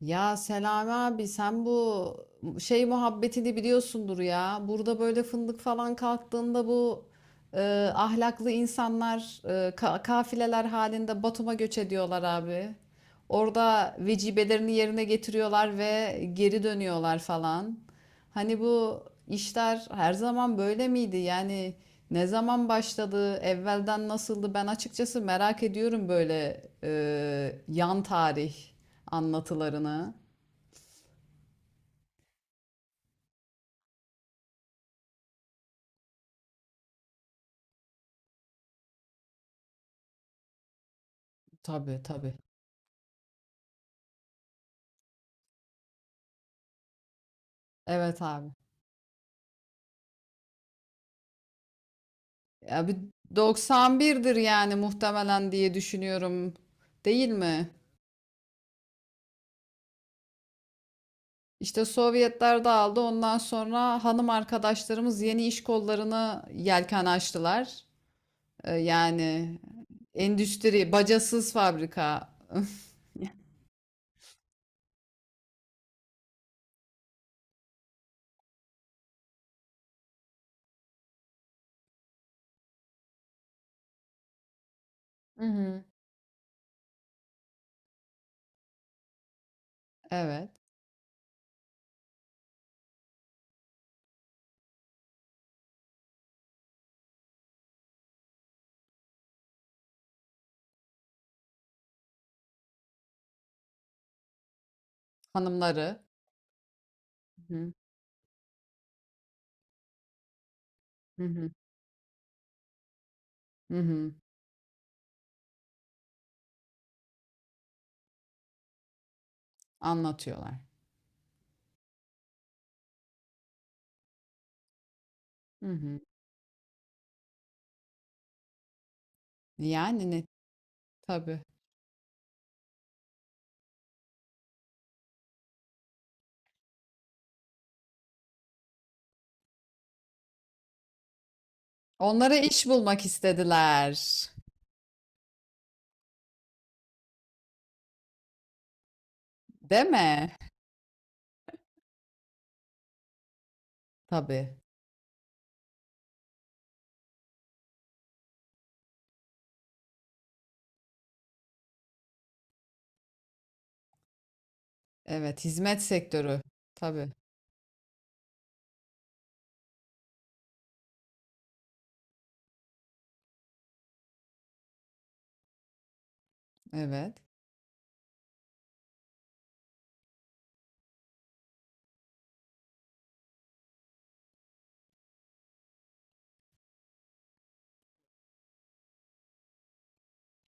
Ya Selami abi sen bu şey muhabbetini biliyorsundur ya. Burada böyle fındık falan kalktığında bu e, ahlaklı insanlar kafileler halinde Batum'a göç ediyorlar abi. Orada vecibelerini yerine getiriyorlar ve geri dönüyorlar falan. Hani bu işler her zaman böyle miydi? Yani ne zaman başladı, evvelden nasıldı? Ben açıkçası merak ediyorum böyle yan tarih anlatılarını. Tabii tabii. Evet abi. Ya bir 91'dir yani muhtemelen diye düşünüyorum, değil mi? İşte Sovyetler dağıldı. Ondan sonra hanım arkadaşlarımız yeni iş kollarına yelken açtılar. Yani endüstri, bacasız fabrika. Hı hı. Evet. Hanımları. Hı hı. Hı hı. Hı hı. Anlatıyorlar. Hı hı. Yani ne? Tabii. Onlara iş bulmak istediler. Değil mi? Tabii. Evet. Hizmet sektörü. Tabii. Evet.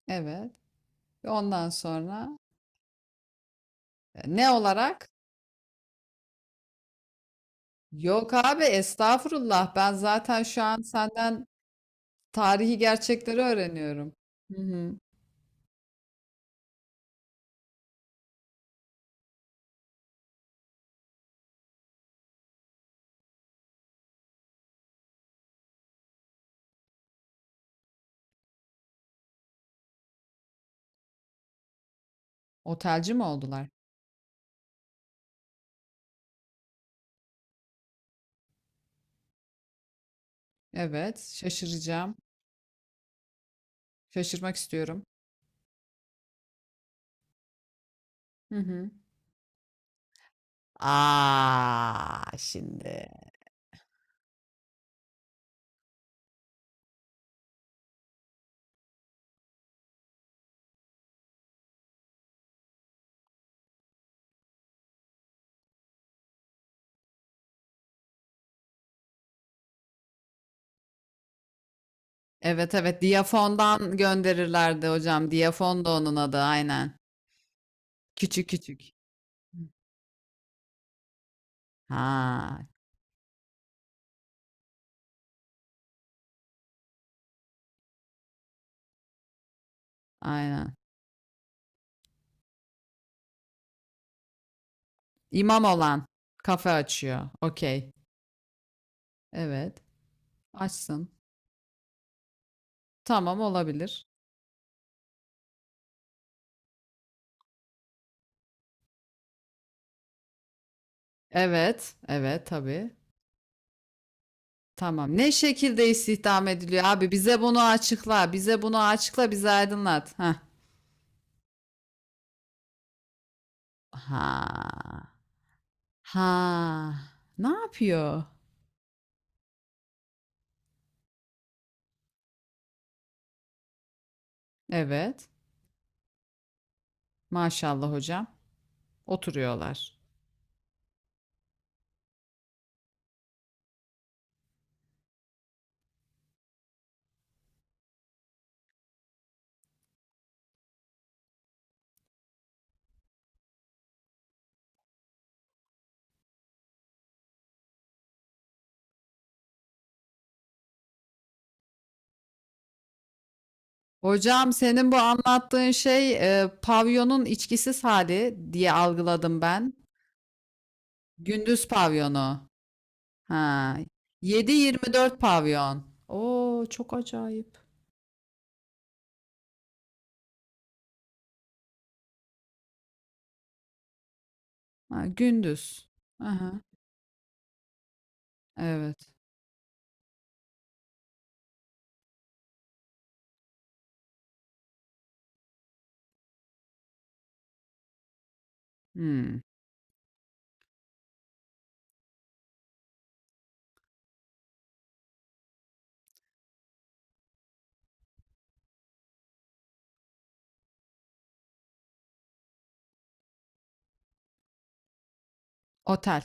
Evet. Ve ondan sonra ne olarak? Yok abi estağfurullah. Ben zaten şu an senden tarihi gerçekleri öğreniyorum. Hı hı. Otelci mi oldular? Evet, şaşıracağım. Şaşırmak istiyorum. Hı hı. Aa şimdi. Evet evet, Diyafon'dan gönderirlerdi hocam. Diyafon da onun adı aynen. Küçük küçük. Hı. Ha, aynen. İmam olan kafe açıyor. Okey. Evet. Açsın. Tamam olabilir. Evet. Evet tabii. Tamam. Ne şekilde istihdam ediliyor abi? Bize bunu açıkla. Bize bunu açıkla. Bizi aydınlat. Heh. Ha. Ha. Ne yapıyor? Evet. Maşallah hocam. Oturuyorlar. Hocam senin bu anlattığın şey pavyonun içkisiz hali diye algıladım ben. Gündüz pavyonu. Ha, 7-24 pavyon. Oo çok acayip. Ha, gündüz. Aha, evet. Hmm, otel.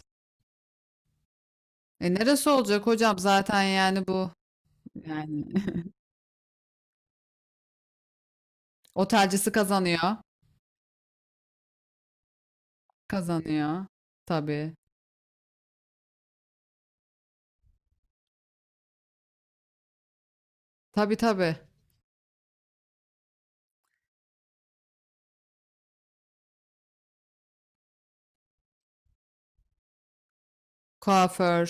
E neresi olacak hocam zaten yani bu yani otelcisi kazanıyor. Kazanıyor. Tabii. Tabii tabii. Kuaför.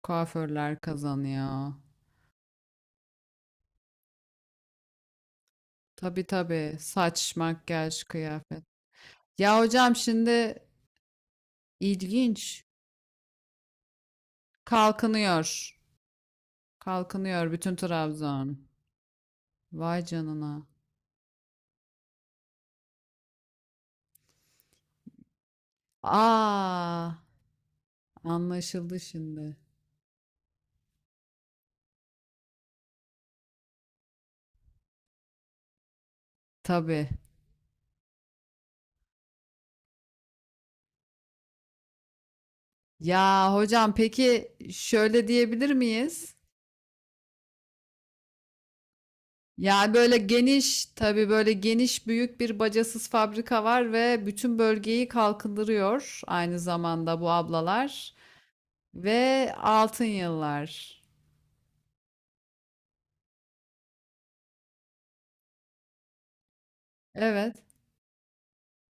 Kuaförler kazanıyor. Tabii tabii. Saç, makyaj, kıyafet. Ya hocam şimdi ilginç. Kalkınıyor. Kalkınıyor bütün Trabzon. Vay canına. Aa, anlaşıldı şimdi. Tabii. Ya hocam peki şöyle diyebilir miyiz? Yani böyle geniş, tabii böyle geniş büyük bir bacasız fabrika var ve bütün bölgeyi kalkındırıyor aynı zamanda bu ablalar ve altın yıllar. Evet.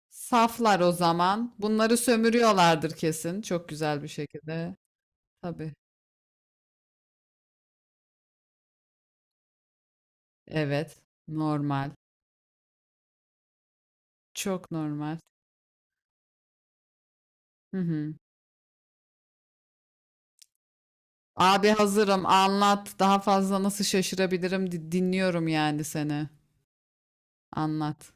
Saflar o zaman. Bunları sömürüyorlardır kesin çok güzel bir şekilde. Tabii. Evet. Normal. Çok normal. Hı hı. Abi hazırım. Anlat. Daha fazla nasıl şaşırabilirim? Dinliyorum yani seni. Anlat.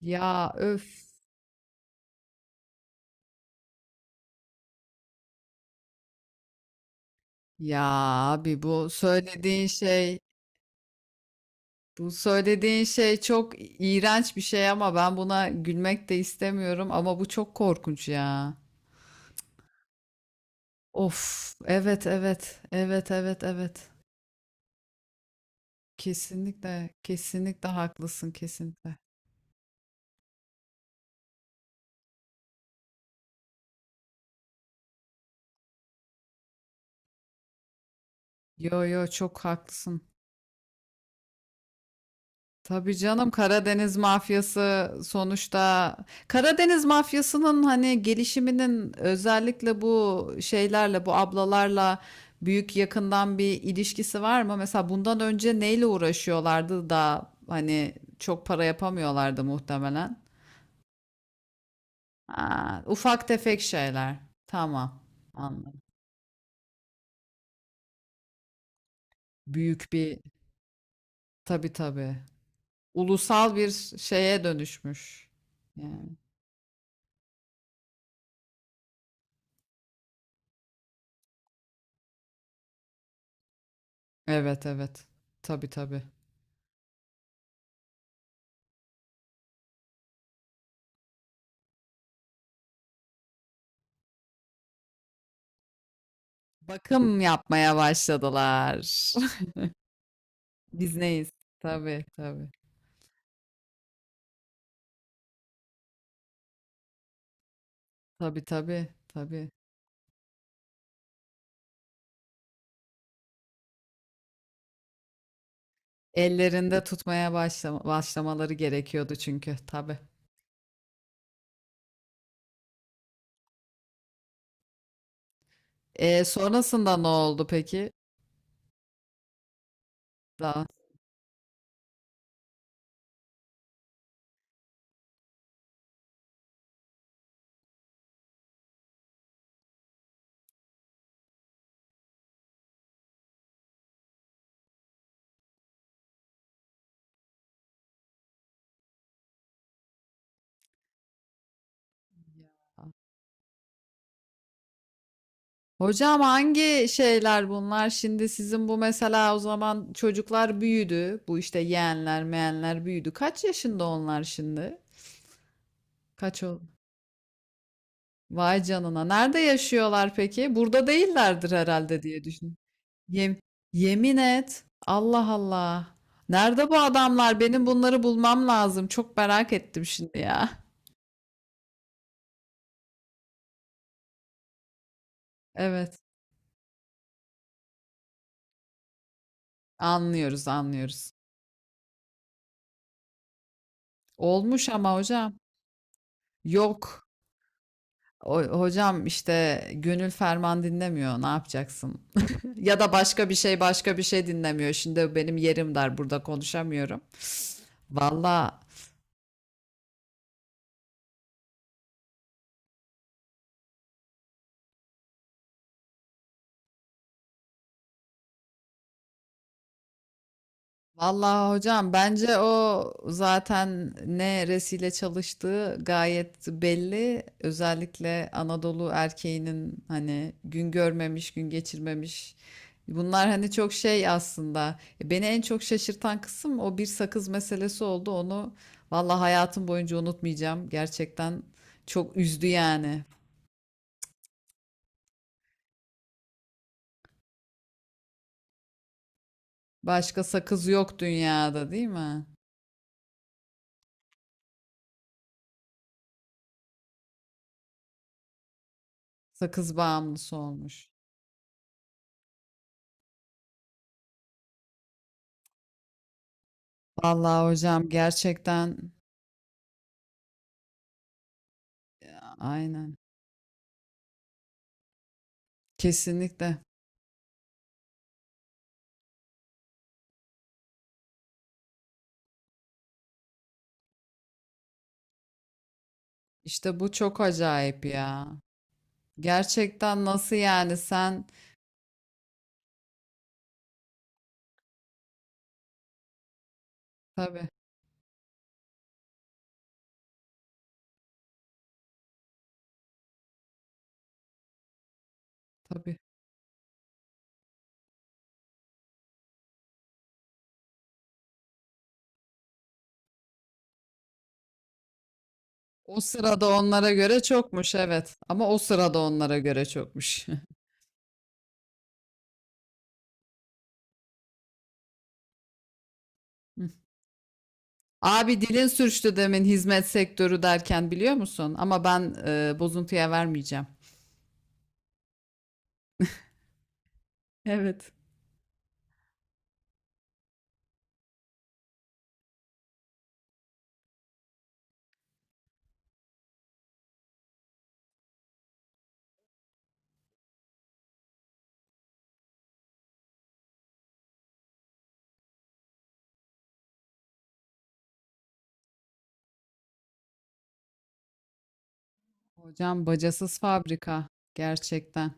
Ya öf. Ya abi bu söylediğin şey çok iğrenç bir şey ama ben buna gülmek de istemiyorum ama bu çok korkunç ya. Of. Evet, evet. Evet, evet, evet. Kesinlikle, kesinlikle haklısın kesinlikle. Yo yo çok haklısın. Tabii canım Karadeniz mafyası sonuçta. Karadeniz mafyasının hani gelişiminin özellikle bu şeylerle bu ablalarla büyük yakından bir ilişkisi var mı? Mesela bundan önce neyle uğraşıyorlardı da hani çok para yapamıyorlardı muhtemelen. Ha, ufak tefek şeyler. Tamam. Anladım. Büyük bir, tabii tabii. Ulusal bir şeye dönüşmüş. Yani. Evet evet. Tabii tabii. Bakım yapmaya başladılar. Biz neyiz? Tabii tabii. Tabii tabii tabii. Ellerinde tutmaya başlamaları gerekiyordu çünkü tabii. Sonrasında ne oldu peki? Daha. Hocam hangi şeyler bunlar? Şimdi sizin bu mesela o zaman çocuklar büyüdü. Bu işte yeğenler, meğenler büyüdü. Kaç yaşında onlar şimdi? Kaç oldu? Vay canına. Nerede yaşıyorlar peki? Burada değillerdir herhalde diye düşün. Yem- yemin et. Allah Allah. Nerede bu adamlar? Benim bunları bulmam lazım. Çok merak ettim şimdi ya. Evet. Anlıyoruz, anlıyoruz. Olmuş ama hocam. Yok. Hocam işte gönül ferman dinlemiyor. Ne yapacaksın? Ya da başka bir şey dinlemiyor. Şimdi benim yerim dar burada konuşamıyorum. Valla, vallahi hocam bence o zaten ne resile çalıştığı gayet belli. Özellikle Anadolu erkeğinin hani gün görmemiş, gün geçirmemiş. Bunlar hani çok şey aslında. Beni en çok şaşırtan kısım o bir sakız meselesi oldu. Onu vallahi hayatım boyunca unutmayacağım. Gerçekten çok üzdü yani. Başka sakız yok dünyada değil mi? Sakız bağımlısı olmuş. Vallahi hocam gerçekten aynen. Kesinlikle. İşte bu çok acayip ya. Gerçekten nasıl yani sen tabii tabii. O sırada onlara göre çokmuş evet. Ama o sırada onlara göre çokmuş. Abi dilin sürçtü demin hizmet sektörü derken biliyor musun? Ama ben bozuntuya vermeyeceğim. Evet. Hocam bacasız fabrika gerçekten.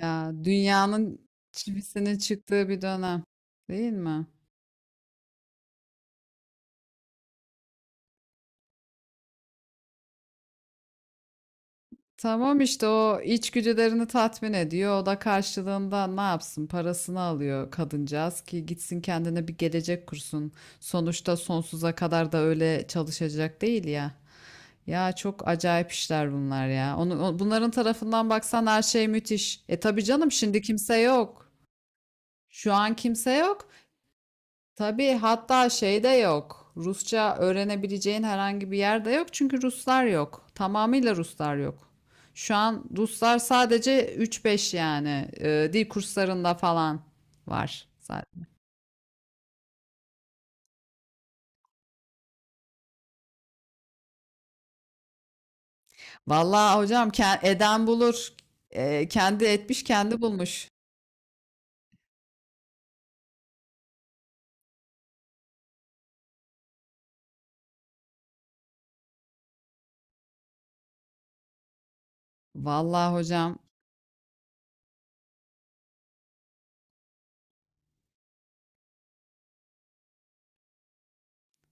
Ya dünyanın çivisinin çıktığı bir dönem değil mi? Tamam işte o içgüdülerini tatmin ediyor. O da karşılığında ne yapsın? Parasını alıyor kadıncağız ki gitsin kendine bir gelecek kursun. Sonuçta sonsuza kadar da öyle çalışacak değil ya. Ya çok acayip işler bunlar ya. Onu, bunların tarafından baksan her şey müthiş. E tabii canım şimdi kimse yok. Şu an kimse yok. Tabii hatta şey de yok. Rusça öğrenebileceğin herhangi bir yer de yok çünkü Ruslar yok. Tamamıyla Ruslar yok. Şu an Ruslar sadece 3-5 yani dil kurslarında falan var. Zaten. Vallahi hocam eden bulur. Kendi etmiş kendi bulmuş. Vallahi hocam,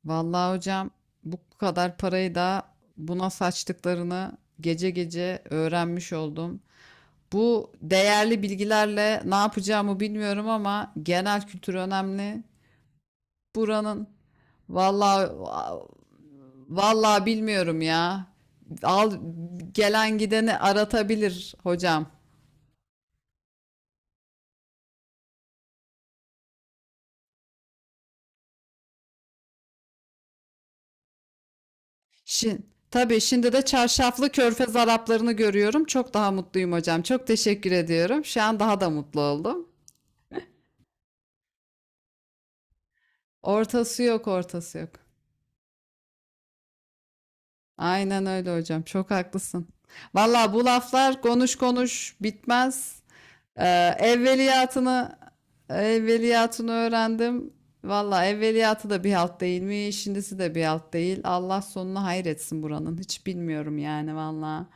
vallahi hocam bu kadar parayı da buna saçtıklarını gece gece öğrenmiş oldum. Bu değerli bilgilerle ne yapacağımı bilmiyorum ama genel kültür önemli. Buranın vallahi, vallahi bilmiyorum ya. Al, gelen gideni aratabilir hocam. Şimdi tabii şimdi de çarşaflı körfez Araplarını görüyorum. Çok daha mutluyum hocam. Çok teşekkür ediyorum. Şu an daha da mutlu oldum. Ortası yok, ortası yok. Aynen öyle hocam. Çok haklısın. Vallahi bu laflar konuş konuş bitmez. Ee, evveliyatını evveliyatını öğrendim. Valla evveliyatı da bir halt değilmiş, şimdisi de bir halt değil. Allah sonuna hayretsin buranın. Hiç bilmiyorum yani valla.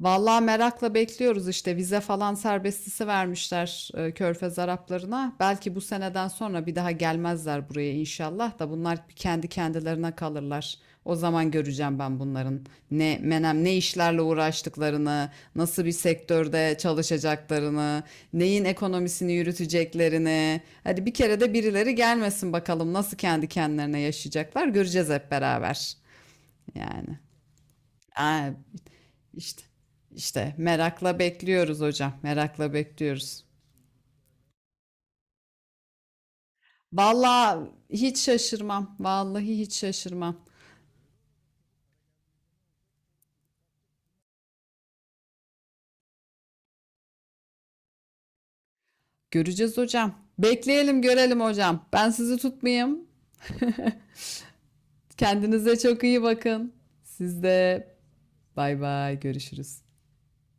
Vallahi merakla bekliyoruz işte vize falan serbestisi vermişler Körfez Araplarına. Belki bu seneden sonra bir daha gelmezler buraya inşallah da bunlar kendi kendilerine kalırlar. O zaman göreceğim ben bunların ne menem ne işlerle uğraştıklarını, nasıl bir sektörde çalışacaklarını, neyin ekonomisini yürüteceklerini. Hadi bir kere de birileri gelmesin bakalım nasıl kendi kendilerine yaşayacaklar göreceğiz hep beraber. Yani. Aa, işte, işte merakla bekliyoruz hocam, merakla bekliyoruz. Vallahi hiç şaşırmam, vallahi hiç şaşırmam. Göreceğiz hocam. Bekleyelim, görelim hocam. Ben sizi tutmayayım. Kendinize çok iyi bakın. Siz de bay bay, görüşürüz.